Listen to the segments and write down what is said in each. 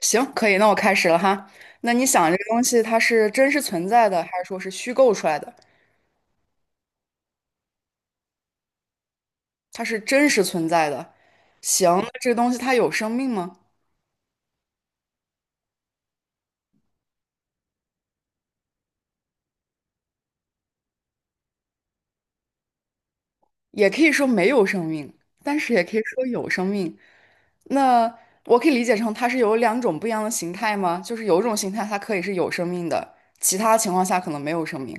行，可以，那我开始了哈。那你想，这个东西它是真实存在的，还是说是虚构出来的？它是真实存在的。行，那这个东西它有生命吗？也可以说没有生命，但是也可以说有生命。那我可以理解成它是有两种不一样的形态吗？就是有一种形态它可以是有生命的，其他情况下可能没有生命。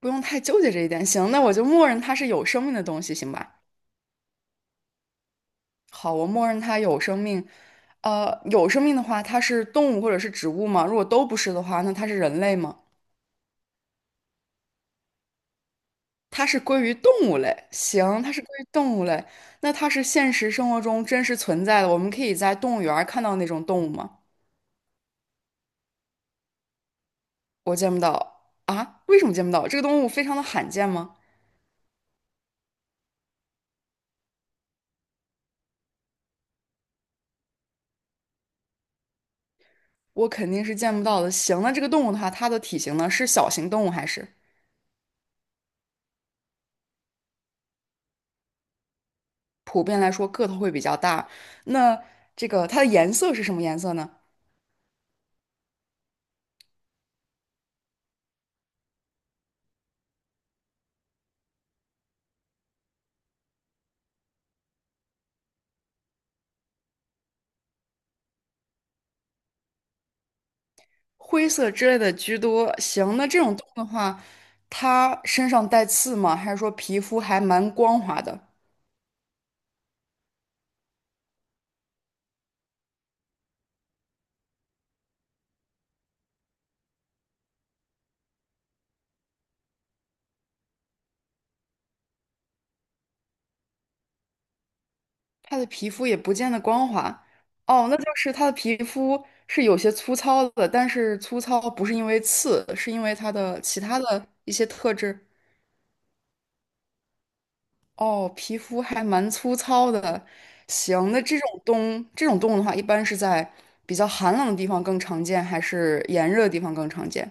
不用太纠结这一点。行，那我就默认它是有生命的东西，行吧？好，我默认它有生命。有生命的话，它是动物或者是植物吗？如果都不是的话，那它是人类吗？它是归于动物类。行，它是归于动物类。那它是现实生活中真实存在的，我们可以在动物园儿看到那种动物吗？我见不到啊？为什么见不到？这个动物非常的罕见吗？我肯定是见不到的。行，那这个动物的话，它的体型呢，是小型动物还是普遍来说个头会比较大？那这个它的颜色是什么颜色呢？灰色之类的居多。行，那这种动物的话，它身上带刺吗？还是说皮肤还蛮光滑的？它的皮肤也不见得光滑。哦，那就是它的皮肤是有些粗糙的，但是粗糙不是因为刺，是因为它的其他的一些特质。哦，皮肤还蛮粗糙的。行，那这种动物的话，一般是在比较寒冷的地方更常见，还是炎热的地方更常见？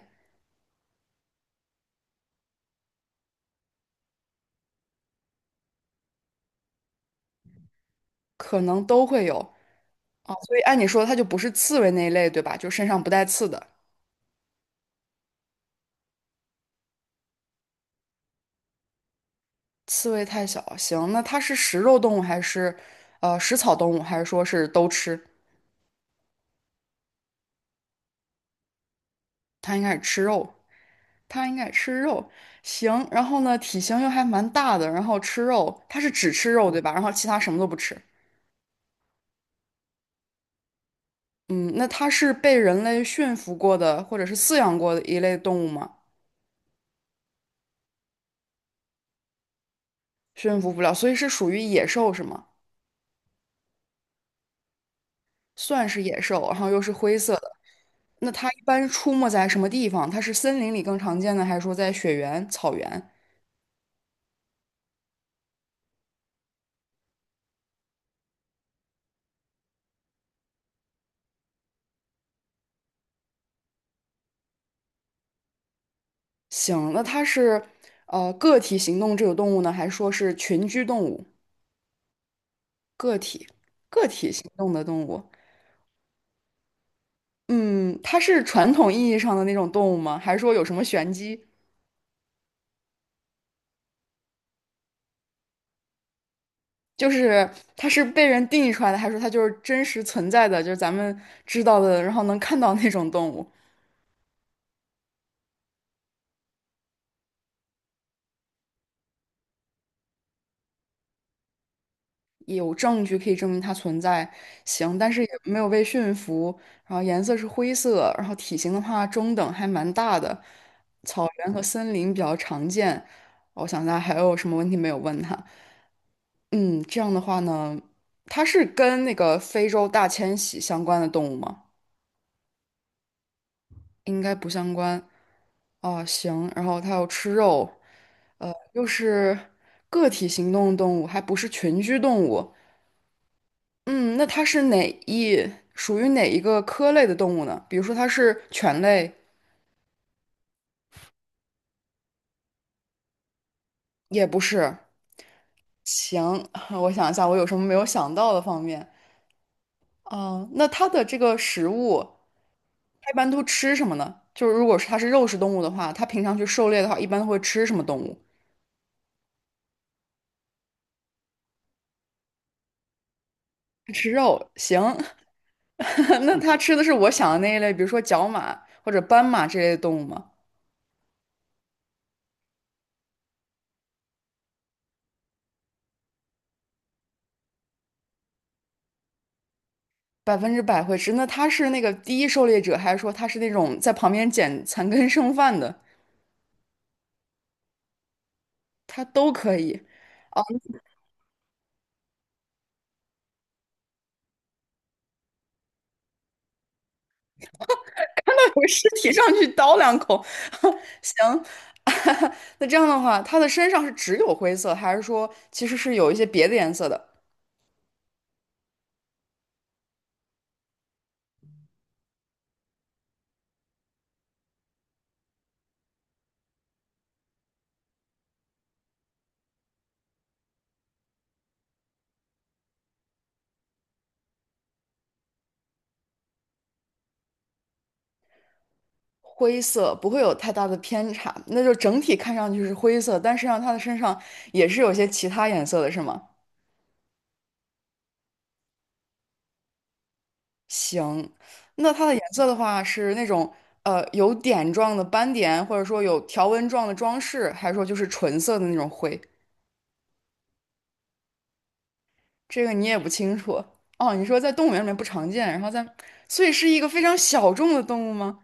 可能都会有啊，所以按你说它就不是刺猬那一类，对吧？就身上不带刺的。刺猬太小，行，那它是食肉动物还是食草动物，还是说是都吃？它应该是吃肉，它应该吃肉。行，然后呢，体型又还蛮大的，然后吃肉，它是只吃肉，对吧？然后其他什么都不吃。嗯，那它是被人类驯服过的，或者是饲养过的一类动物吗？驯服不了，所以是属于野兽是吗？算是野兽，然后又是灰色的。那它一般出没在什么地方？它是森林里更常见呢，还是说在雪原、草原？行，那它是个体行动这种动物呢，还是说是群居动物？个体个体行动的动物，嗯，它是传统意义上的那种动物吗？还是说有什么玄机？就是它是被人定义出来的，还是说它就是真实存在的，就是咱们知道的，然后能看到那种动物？有证据可以证明它存在，行，但是也没有被驯服，然后颜色是灰色，然后体型的话中等，还蛮大的，草原和森林比较常见。我想大家还有什么问题没有问他？嗯，这样的话呢，它是跟那个非洲大迁徙相关的动物吗？应该不相关。哦，行，然后它又吃肉，又是个体行动的动物，还不是群居动物，嗯，那它是哪一，属于哪一个科类的动物呢？比如说它是犬类，也不是。行，我想一下，我有什么没有想到的方面？嗯，那它的这个食物，它一般都吃什么呢？就是如果是它是肉食动物的话，它平常去狩猎的话，一般会吃什么动物？吃肉。行，那它吃的是我想的那一类，比如说角马或者斑马这类的动物吗？100%会吃。那它是那个第一狩猎者，还是说它是那种在旁边捡残羹剩饭的？它都可以。哦，那那有个尸体上去叨两口，行。那这样的话，它的身上是只有灰色，还是说其实是有一些别的颜色的？灰色不会有太大的偏差，那就整体看上去是灰色，但实际上它的身上也是有些其他颜色的，是吗？行，那它的颜色的话是那种有点状的斑点，或者说有条纹状的装饰，还是说就是纯色的那种灰？这个你也不清楚。哦，你说在动物园里面不常见，然后在，所以是一个非常小众的动物吗？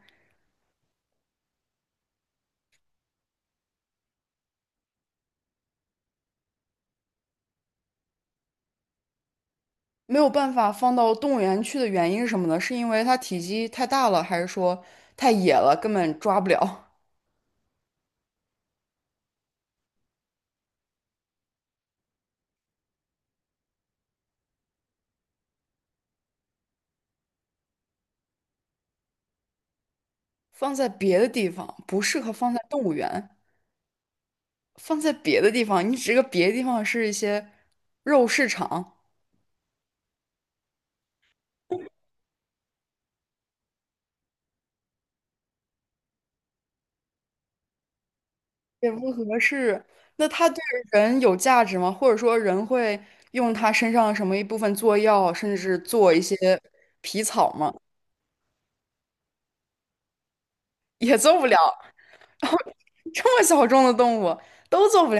没有办法放到动物园去的原因是什么呢？是因为它体积太大了，还是说太野了，根本抓不了？放在别的地方不适合放在动物园，放在别的地方，你指个别的地方是一些肉市场，也不合适。那它对人有价值吗？或者说人会用它身上什么一部分做药，甚至做一些皮草吗？也做不了。然后这么小众的动物都做不了。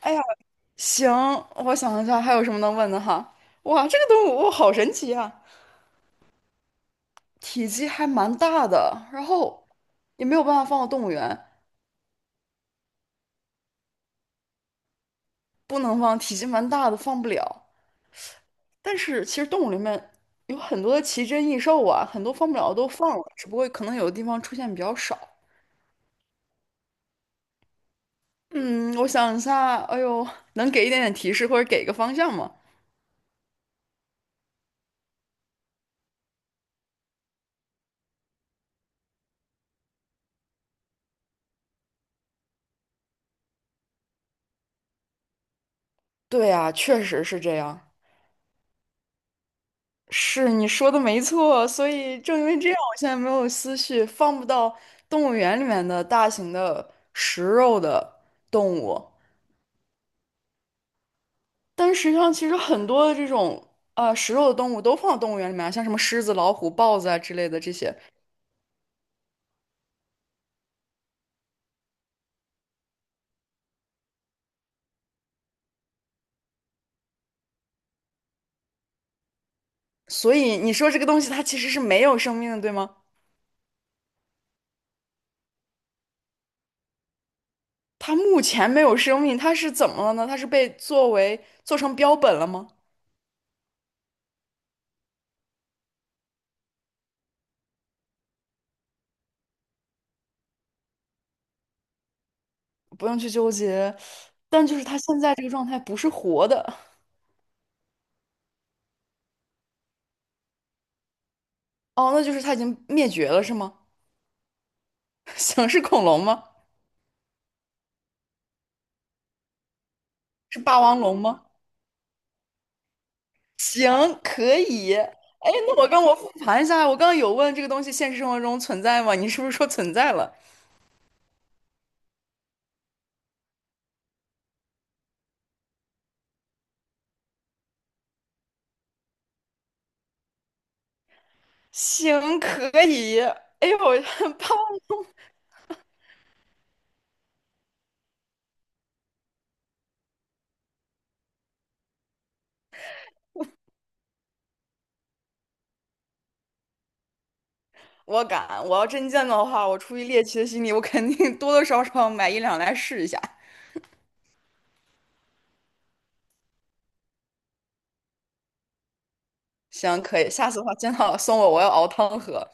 哎呀，行，我想一下还有什么能问的哈。哇，这个动物好神奇啊，体积还蛮大的，然后也没有办法放到动物园，不能放，体积蛮大的放不了。但是其实动物里面有很多的奇珍异兽啊，很多放不了的都放了，只不过可能有的地方出现比较少。嗯，我想一下，哎呦，能给一点点提示或者给一个方向吗？对啊，确实是这样。是你说的没错，所以正因为这样，我现在没有思绪，放不到动物园里面的大型的食肉的动物。但实际上，其实很多的这种食肉的动物都放到动物园里面啊像什么狮子、老虎、豹子啊之类的这些。所以你说这个东西它其实是没有生命的，对吗？它目前没有生命，它是怎么了呢？它是被作为做成标本了吗？不用去纠结，但就是它现在这个状态不是活的，哦，那就是它已经灭绝了，是吗？行，是恐龙吗？是霸王龙吗？行，可以。哎，那我跟我复盘一下，我刚刚有问这个东西现实生活中存在吗？你是不是说存在了？行，可以。哎呦，怕我敢，我要真见到的话，我出于猎奇的心理，我肯定多多少少买一两来试一下。行，可以。下次的话，见到了送我，我要熬汤喝。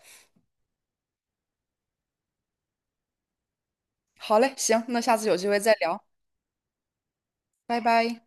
好嘞，行，那下次有机会再聊，拜拜。